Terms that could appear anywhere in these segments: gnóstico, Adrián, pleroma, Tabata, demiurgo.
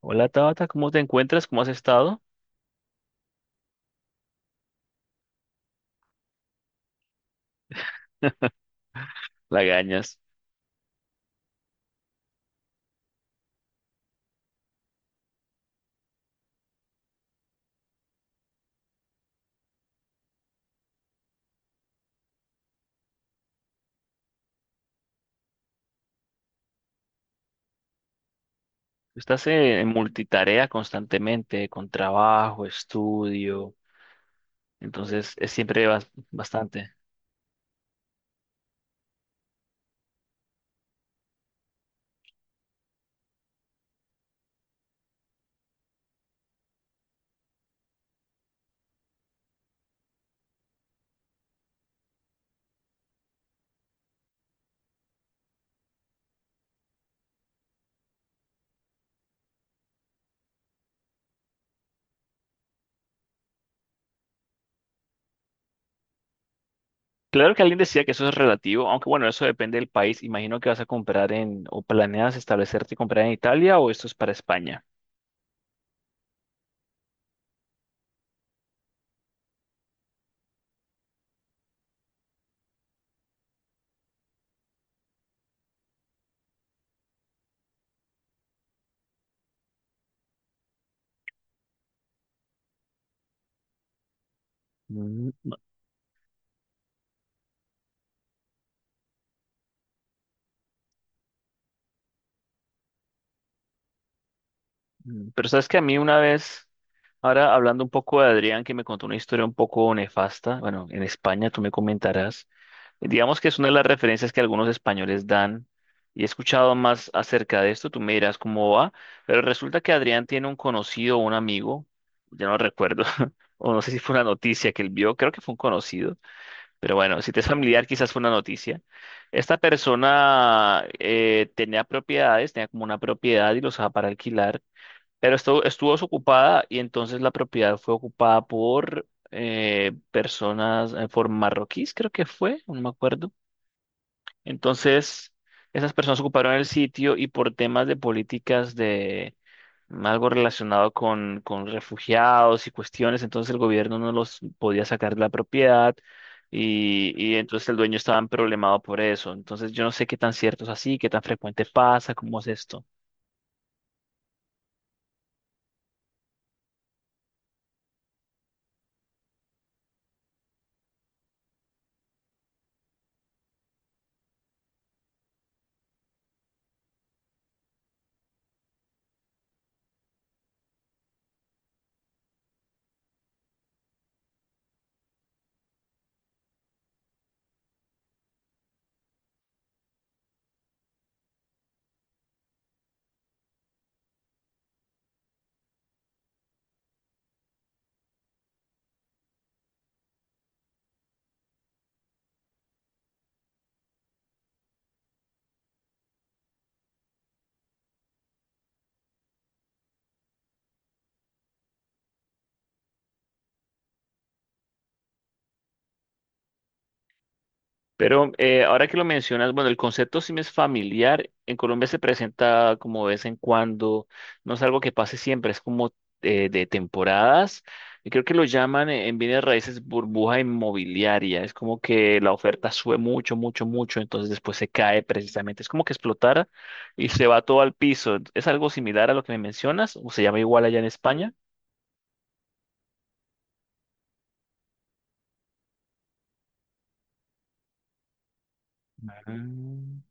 Hola Tabata, ¿cómo te encuentras? ¿Cómo has estado? Lagañas. Estás en multitarea constantemente, con trabajo, estudio, entonces es siempre bastante. Claro que alguien decía que eso es relativo, aunque bueno, eso depende del país. Imagino que vas a comprar en, o planeas establecerte y comprar en Italia o esto es para España. Mm, ma- Pero sabes que a mí una vez, ahora hablando un poco de Adrián, que me contó una historia un poco nefasta, bueno, en España tú me comentarás. Digamos que es una de las referencias que algunos españoles dan y he escuchado más acerca de esto, tú me dirás cómo va, pero resulta que Adrián tiene un conocido, o un amigo, ya no recuerdo, o no sé si fue una noticia que él vio, creo que fue un conocido, pero bueno, si te es familiar quizás fue una noticia. Esta persona tenía propiedades, tenía como una propiedad y los dejaba para alquilar, pero esto, estuvo desocupada y entonces la propiedad fue ocupada por... personas por marroquíes, creo que fue, no me acuerdo. Entonces, esas personas ocuparon el sitio y por temas de políticas de algo relacionado con refugiados y cuestiones, entonces el gobierno no los podía sacar de la propiedad y entonces el dueño estaba problemado por eso. Entonces, yo no sé qué tan cierto es así, qué tan frecuente pasa, cómo es esto. Pero ahora que lo mencionas, bueno, el concepto sí me es familiar. En Colombia se presenta como de vez en cuando, no es algo que pase siempre, es como de temporadas. Y creo que lo llaman en bienes raíces burbuja inmobiliaria. Es como que la oferta sube mucho, mucho, mucho, entonces después se cae precisamente. Es como que explotara y se va todo al piso. ¿Es algo similar a lo que me mencionas? ¿O se llama igual allá en España? Mm.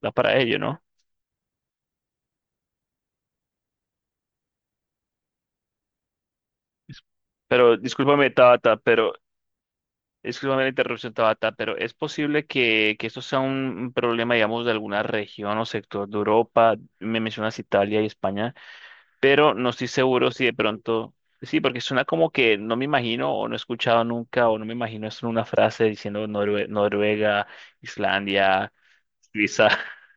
Da para ello, ¿no? Pero discúlpame, tata. Pero disculpame la interrupción, Tabata, pero ¿es posible que esto sea un problema, digamos, de alguna región o sector de Europa? Me mencionas Italia y España, pero no estoy seguro si de pronto... Sí, porque suena como que no me imagino o no he escuchado nunca o no me imagino eso en una frase diciendo Noruega, Islandia, Suiza.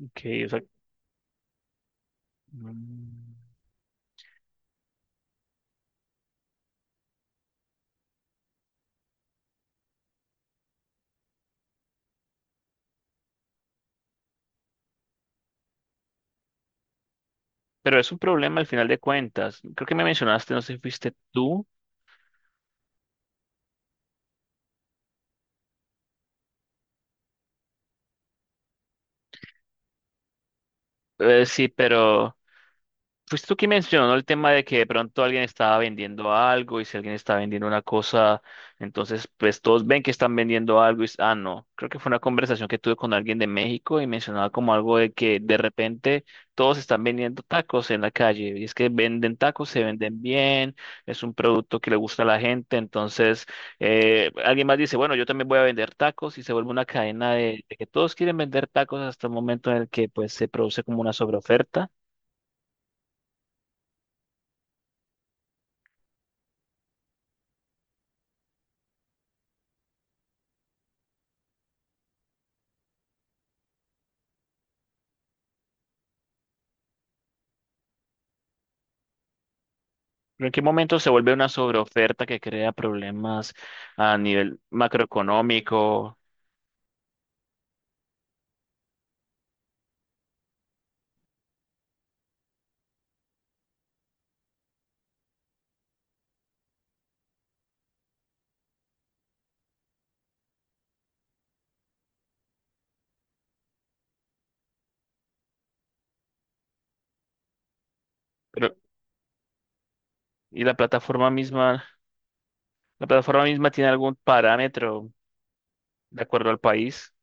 Ok, o sea, mm, pero es un problema al final de cuentas. Creo que me mencionaste, no sé si fuiste tú. Sí, pero... Pues tú que mencionó el tema de que de pronto alguien estaba vendiendo algo y si alguien está vendiendo una cosa, entonces pues todos ven que están vendiendo algo y no, creo que fue una conversación que tuve con alguien de México y mencionaba como algo de que de repente todos están vendiendo tacos en la calle y es que venden tacos, se venden bien, es un producto que le gusta a la gente, entonces alguien más dice, bueno, yo también voy a vender tacos y se vuelve una cadena de que todos quieren vender tacos hasta el momento en el que pues se produce como una sobreoferta. ¿Pero en qué momento se vuelve una sobreoferta que crea problemas a nivel macroeconómico? Pero, y la plataforma misma, ¿la plataforma misma tiene algún parámetro de acuerdo al país?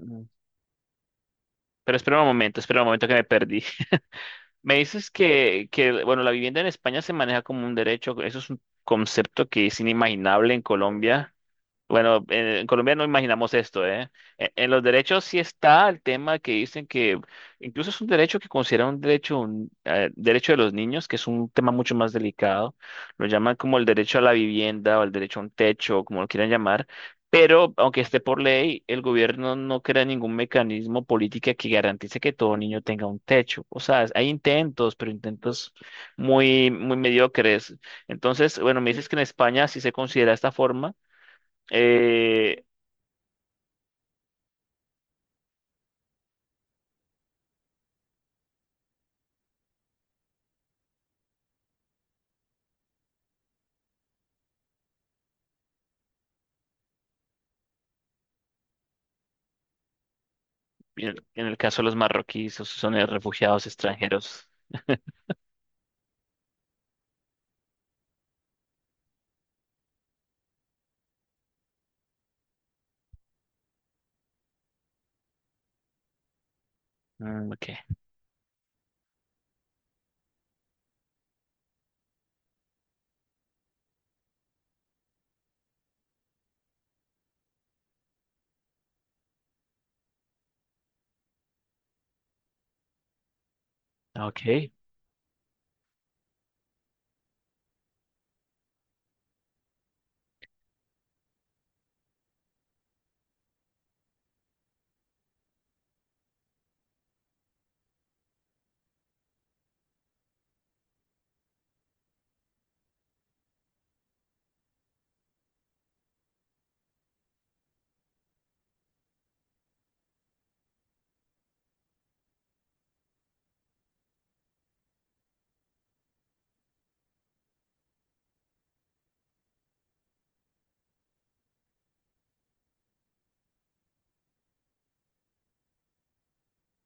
Mm. Pero espera un momento que me perdí. Me dices que, bueno, la vivienda en España se maneja como un derecho. Eso es un concepto que es inimaginable en Colombia. Bueno, en Colombia no imaginamos esto, ¿eh? En los derechos sí está el tema que dicen que incluso es un derecho que consideran un derecho de los niños, que es un tema mucho más delicado. Lo llaman como el derecho a la vivienda o el derecho a un techo, como lo quieran llamar. Pero aunque esté por ley, el gobierno no crea ningún mecanismo política que garantice que todo niño tenga un techo. O sea, hay intentos, pero intentos muy, muy mediocres. Entonces, bueno, me dices que en España sí se considera esta forma. Eh, y en el caso de los marroquíes, esos son refugiados extranjeros. Mm, ok, ok.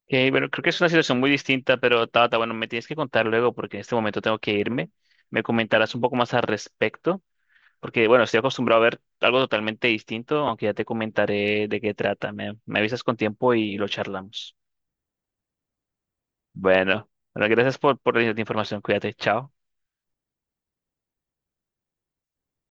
Ok, bueno, creo que es una situación muy distinta, pero Tabata, bueno, me tienes que contar luego porque en este momento tengo que irme. Me comentarás un poco más al respecto, porque bueno, estoy acostumbrado a ver algo totalmente distinto, aunque ya te comentaré de qué trata. Me avisas con tiempo y lo charlamos. Bueno, bueno, gracias por la información. Cuídate, chao.